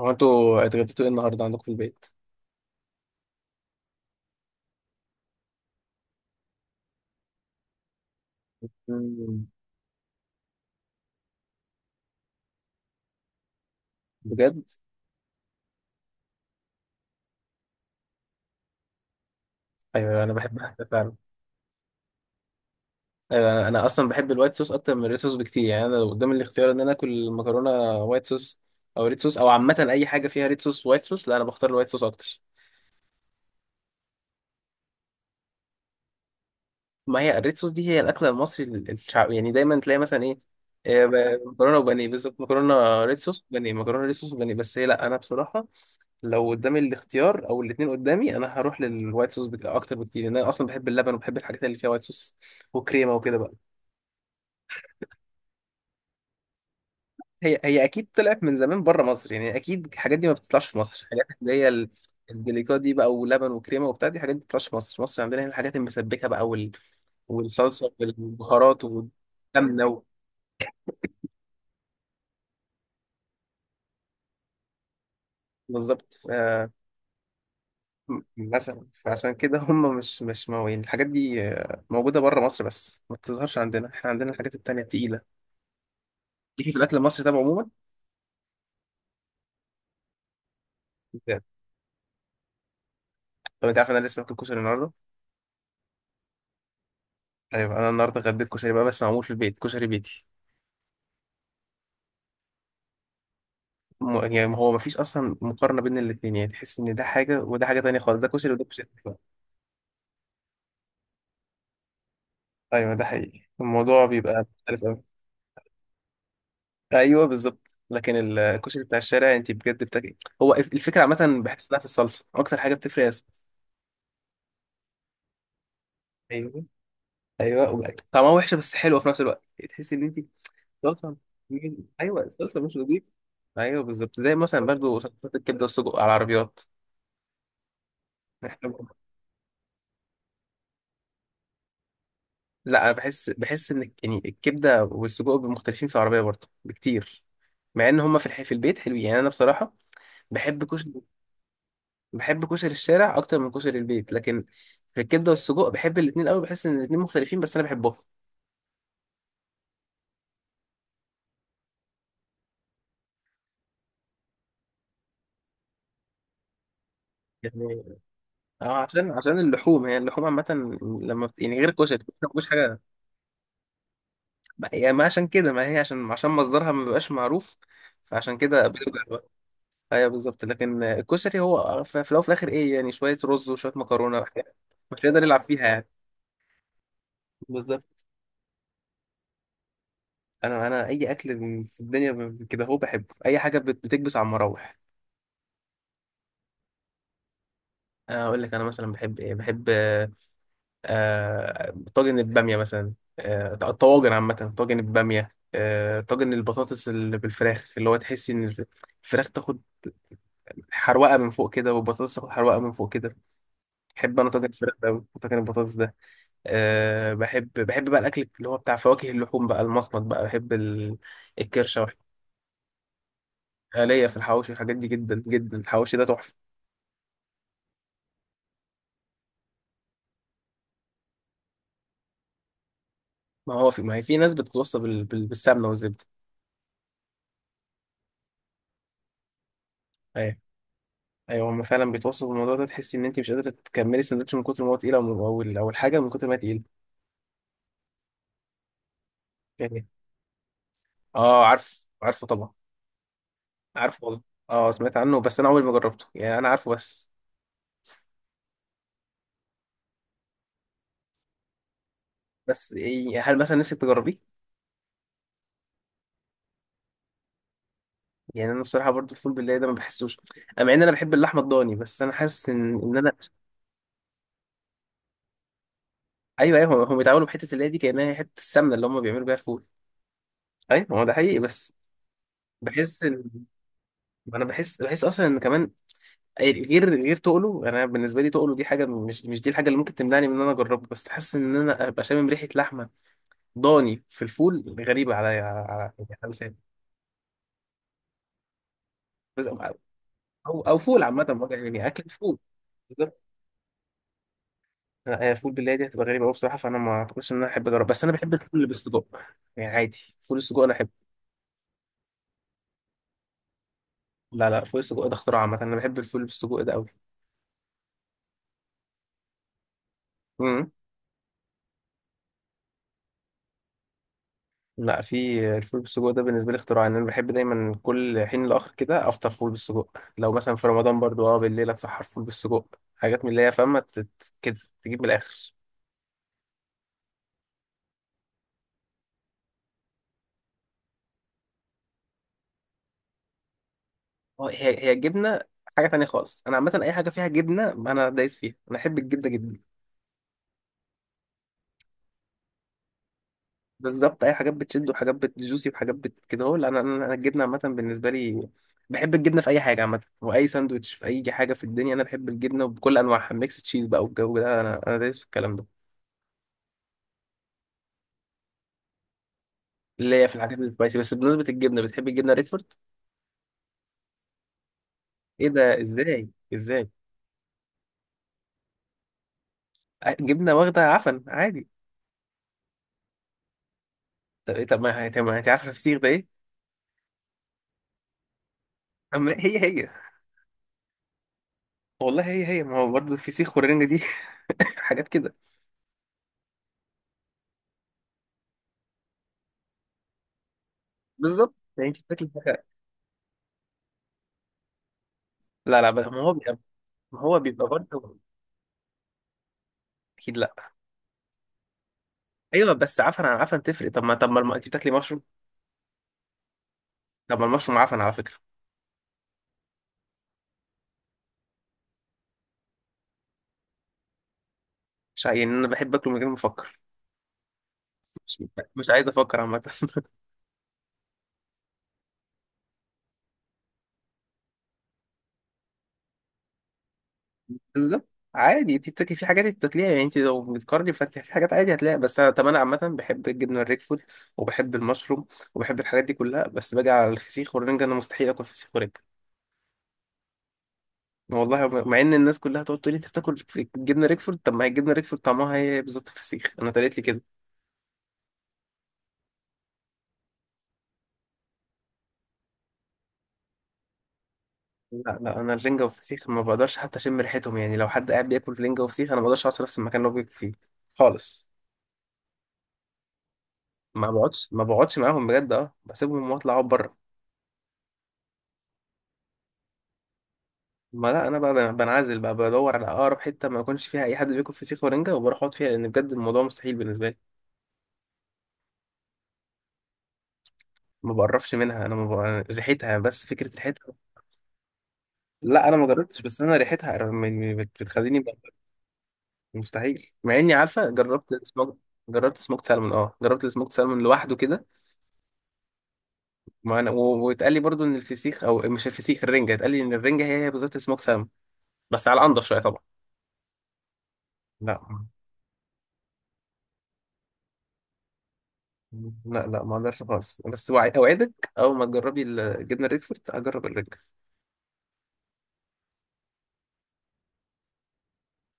هو انتوا اتغديتوا ايه النهارده عندكم في البيت؟ مم. بجد؟ ايوه، انا بحبها فعلا. ايوه، انا اصلا بحب الوايت صوص اكتر من الريد صوص بكتير، يعني انا لو قدامي الاختيار ان انا اكل مكرونه وايت صوص او ريد صوص، او عامه اي حاجه فيها ريد صوص وايت صوص، لا انا بختار الوايت صوص اكتر. ما هي الريد صوص دي هي الاكله المصري الشعب، يعني دايما تلاقي مثلا ايه. مكرونه وبانيه بالظبط، مكرونه ريد صوص بانيه، مكرونه ريد صوص بانيه، بس هي لا انا بصراحه لو قدامي الاختيار او الاثنين قدامي انا هروح للوايت صوص اكتر بكتير، لان انا اصلا بحب اللبن وبحب الحاجات اللي فيها وايت صوص وكريمه وكده بقى. هي هي اكيد طلعت من زمان بره مصر، يعني اكيد الحاجات دي ما بتطلعش في مصر، الحاجات اللي هي الدليكات دي بقى، ولبن وكريمه وبتاع، دي حاجات ما بتطلعش في مصر. مصر عندنا هنا الحاجات المسبكه بقى، والصلصه والبهارات والسمنه بالظبط. مثلا فعشان كده هم مش موين الحاجات دي، موجوده بره مصر بس ما بتظهرش عندنا. احنا عندنا الحاجات التانيه التقيله ليكي في الاكل المصري طب عموما. بجد. طب انت عارف انا لسه باكل كشري النهارده. ايوه، انا النهارده غديت كشري بقى، بس معمول في البيت، كشري بيتي. يعني هو مفيش اصلا مقارنه بين الاثنين، يعني تحس ان ده حاجه وده حاجه تانية خالص، ده كشري وده كشري. ايوه ده حقيقي، الموضوع بيبقى مختلف قوي. ايوه بالظبط، لكن الكشري بتاع الشارع انت بجد بتاكل، هو الفكره عامه بحس انها في الصلصه، اكتر حاجه بتفرق هي الصلصه. ايوه. ايوه، وبقى طعمها وحشه بس حلوه في نفس الوقت، تحس ان انت صلصه. ايوه الصلصه مش نظيفه. ايوه بالظبط، زي مثلا برضو صلصات الكبده والسجق على العربيات. احنا لا، بحس بحس ان يعني الكبده والسجق بيبقوا مختلفين في العربيه برضه بكتير، مع ان هما في البيت حلوين، يعني انا بصراحه بحب كشري. بحب كشري الشارع اكتر من كشري البيت، لكن في الكبده والسجق بحب الاثنين قوي، بحس ان الاثنين مختلفين بس انا بحبهم يعني. اه عشان اللحوم، هي اللحوم عامه لما يعني غير الكشري، الكشري ما فيهوش حاجه. يعني ما عشان كده ما هي عشان مصدرها ما بيبقاش معروف، فعشان كده بتوجع. ايوه بالظبط، لكن الكشري هو في في الاول وفي الاخر ايه، يعني شويه رز وشويه مكرونه، مش هيقدر يلعب فيها يعني. بالظبط. انا اي اكل في الدنيا كده هو بحبه، اي حاجه بتكبس على المراوح. اقول لك انا مثلا بحب ايه، بحب طاجن الباميه مثلا، الطواجن عامه، طاجن الباميه، طاجن البطاطس اللي بالفراخ، اللي هو تحس ان الفراخ تاخد حروقه من فوق كده، والبطاطس تاخد حروقه من فوق كده. بحب انا طاجن الفراخ ده أوي، وطاجن البطاطس ده. أه، بحب بحب بقى الاكل اللي هو بتاع فواكه اللحوم بقى المصمت بقى، بحب الكرشه وبحب ليا في الحواوشي والحاجات دي جدا جدا، الحواوشي ده تحفه. ما هي في ناس بتتوصى بالسمنه والزبده. ايوه ايوه، هم فعلا بيتوصوا بالموضوع ده، تحسي ان انت مش قادره تكملي السندوتش من كتر ما هو تقيل، أو الحاجه من كتر ما هي تقيله يعني. اه، عارفه طبعا. عارفه والله. اه سمعت عنه، بس انا عمري ما جربته، يعني انا عارفه بس. بس إيه، هل مثلا نفسك تجربيه؟ يعني انا بصراحه برضو الفول بالله ده ما بحسوش، مع ان انا بحب اللحمه الضاني، بس انا حاسس ان ان انا. ايوه ايوه، هم بيتعاملوا بحته اللي هي دي كانها هي حته السمنه اللي هم بيعملوا بيها الفول. ايوه ما هو ده حقيقي، بس بحس ان انا بحس بحس اصلا ان كمان غير تقله، انا بالنسبه لي تقله دي حاجه مش، دي الحاجه اللي ممكن تمنعني من ان انا اجربه، بس حاسس ان انا ابقى شامم ريحه لحمه ضاني في الفول غريبه عليا على على لساني. او، او فول عامه بقى، يعني اكل فول. لا هي الفول بالله دي هتبقى غريبة أوي بصراحة، فأنا ما أعتقدش إن أنا أحب أجرب، بس أنا بحب الفول اللي بالسجق، يعني عادي فول السجق أنا أحبه. لا لا، فول السجق ده اختراع عامة، أنا بحب الفول بالسجق ده أوي. امم. لا، في الفول بالسجق ده بالنسبة لي اختراع، إن أنا بحب دايما كل حين لآخر كده أفطر فول بالسجق، لو مثلا في رمضان برضو أه بالليل أتسحر فول بالسجق، حاجات من اللي هي فاهمة كده، تجيب من الآخر. أه، هي هي الجبنة حاجة تانية خالص، أنا عامة أي حاجة فيها جبنة أنا دايس فيها، أنا أحب الجبنة جدا. بالظبط، اي حاجات بتشد وحاجات بتجوسي وحاجات بت كده، هو انا انا أنا الجبنه عامه بالنسبه لي بحب الجبنه في اي حاجه عامه، واي ساندوتش في اي حاجه في الدنيا انا بحب الجبنه بكل انواعها، ميكس تشيز بقى والجو ده انا دايس في الكلام ده، اللي هي في الحاجات السبايسي، بس بالنسبه للجبنه بتحب الجبنه ريكفورد. ايه ده، ازاي؟ ازاي؟ جبنه واخده عفن عادي. طب إيه- طب ما هي- طب ما انت عارفه الفسيخ ده ايه. أما هي هي. والله هي هي، ما هو برضه الفسيخ والرنجه دي حاجات كده. بالظبط، يعني انت بتاكل حاجه. لا لا، بس ما هو بيبقى، ما هو بيبقى برضه. اكيد لا. ايوه، بس عفن عن عفن تفرق. طب ما انت بتاكلي مشروم؟ طب ما المشروم عفن على فكره. مش ع- يعني انا بحب اكله من غير ما افكر، مش مش عايز افكر عامه بالظبط، عادي انت بتاكلي في حاجات انت بتاكليها، يعني انت لو بتقارني فانت في حاجات عادي هتلاقيها، بس انا طب انا عامه بحب الجبنه الريك فود وبحب المشروم وبحب الحاجات دي كلها، بس باجي على الفسيخ والرنجه انا مستحيل اكل فسيخ ورنجه. والله مع ان الناس كلها تقعد تقول لي انت بتاكل في الجبنه ريكفورد، طب ما هي الجبنه ريكفورد طعمها هي بالظبط الفسيخ، انا اتقالت لي كده. لا لا، انا الرنجة والفسيخ ما بقدرش حتى اشم ريحتهم، يعني لو حد قاعد بياكل رنجة وفسيخ انا ما بقدرش اقعد في نفس المكان اللي هو بياكل فيه خالص. ما بقعدش ما بقعدش معاهم بجد، اه بسيبهم واطلع اقعد بره. ما لا انا بقى بنعزل بقى، بدور على اقرب حته ما يكونش فيها اي حد بياكل فسيخ ورنجه، وبروح اقعد فيها، لان بجد الموضوع مستحيل بالنسبه لي. ما بقربش منها، انا ما ريحتها، بس فكره ريحتها. لا انا ما جربتش، بس انا ريحتها بتخليني مستحيل، مع اني عارفه جربت سموك، جربت سموكت سالمون، اه جربت السموكت سالمون لوحده كده. ما انا واتقال لي برضو ان الفسيخ او مش الفسيخ الرنجه، اتقال لي ان الرنجه هي هي بالظبط السموك سالمون، بس على انضف شويه طبعا. لا لا لا، ما اقدرش خالص. بس اوعدك اول ما تجربي الجبنه الريكفورت هجرب الرنجه.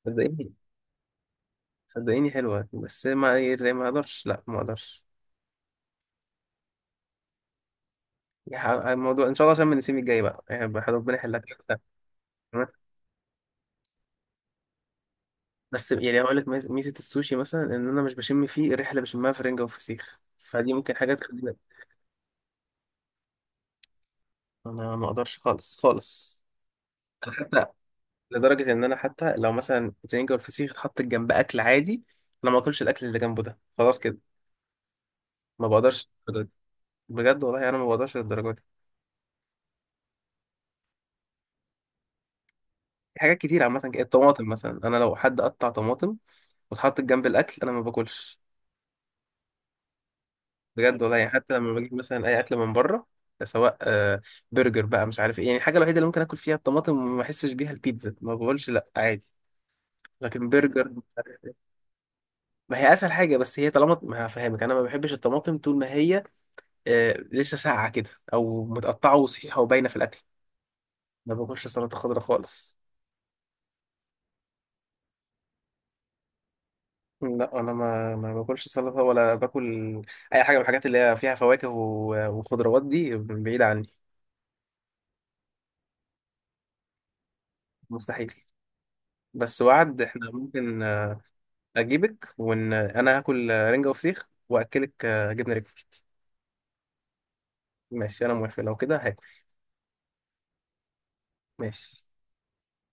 صدقيني. صدقيني حلوه، بس ما يعني ما اقدرش، لا ما اقدرش يعني. الموضوع ان شاء الله عشان من السيم الجاي بقى، يعني ربنا يحلك. بس يعني هقول لك ميزه السوشي مثلا ان انا مش بشم فيه الريحه اللي بشمها في الرنجه والفسيخ، فدي ممكن حاجات تخليني. انا ما اقدرش خالص خالص. حتى لدرجة إن أنا حتى لو مثلا الرنجة والفسيخ اتحط جنب أكل عادي، أنا ما أكلش الأكل اللي جنبه ده خلاص كده، ما بقدرش للدرجة دي. بجد والله أنا ما بقدرش للدرجة دي. في حاجات كتير عامة كده، الطماطم مثلا، أنا لو حد قطع طماطم واتحطت جنب الأكل أنا ما باكلش. بجد والله، يعني حتى لما بجيب مثلا أي أكل من بره، سواء برجر بقى مش عارف إيه، يعني الحاجة الوحيدة اللي ممكن آكل فيها الطماطم وما أحسش بيها البيتزا، ما بقولش لأ عادي، لكن برجر ما هي اسهل حاجه بس هي، طالما ما هفهمك انا ما بحبش الطماطم طول ما هي لسه ساقعة كده أو متقطعة وصحيحة وباينة في الأكل. ما باكلش سلطة خضراء خالص. لا أنا ما باكلش سلطة ولا باكل أي حاجة من الحاجات اللي هي فيها فواكه وخضروات دي بعيدة عني. مستحيل. بس وعد إحنا ممكن، أجيبك وإن أنا هاكل رنجة وفسيخ وأكلك جبنة ريكفورد. ماشي أنا موافق لو كده هاكل. ماشي.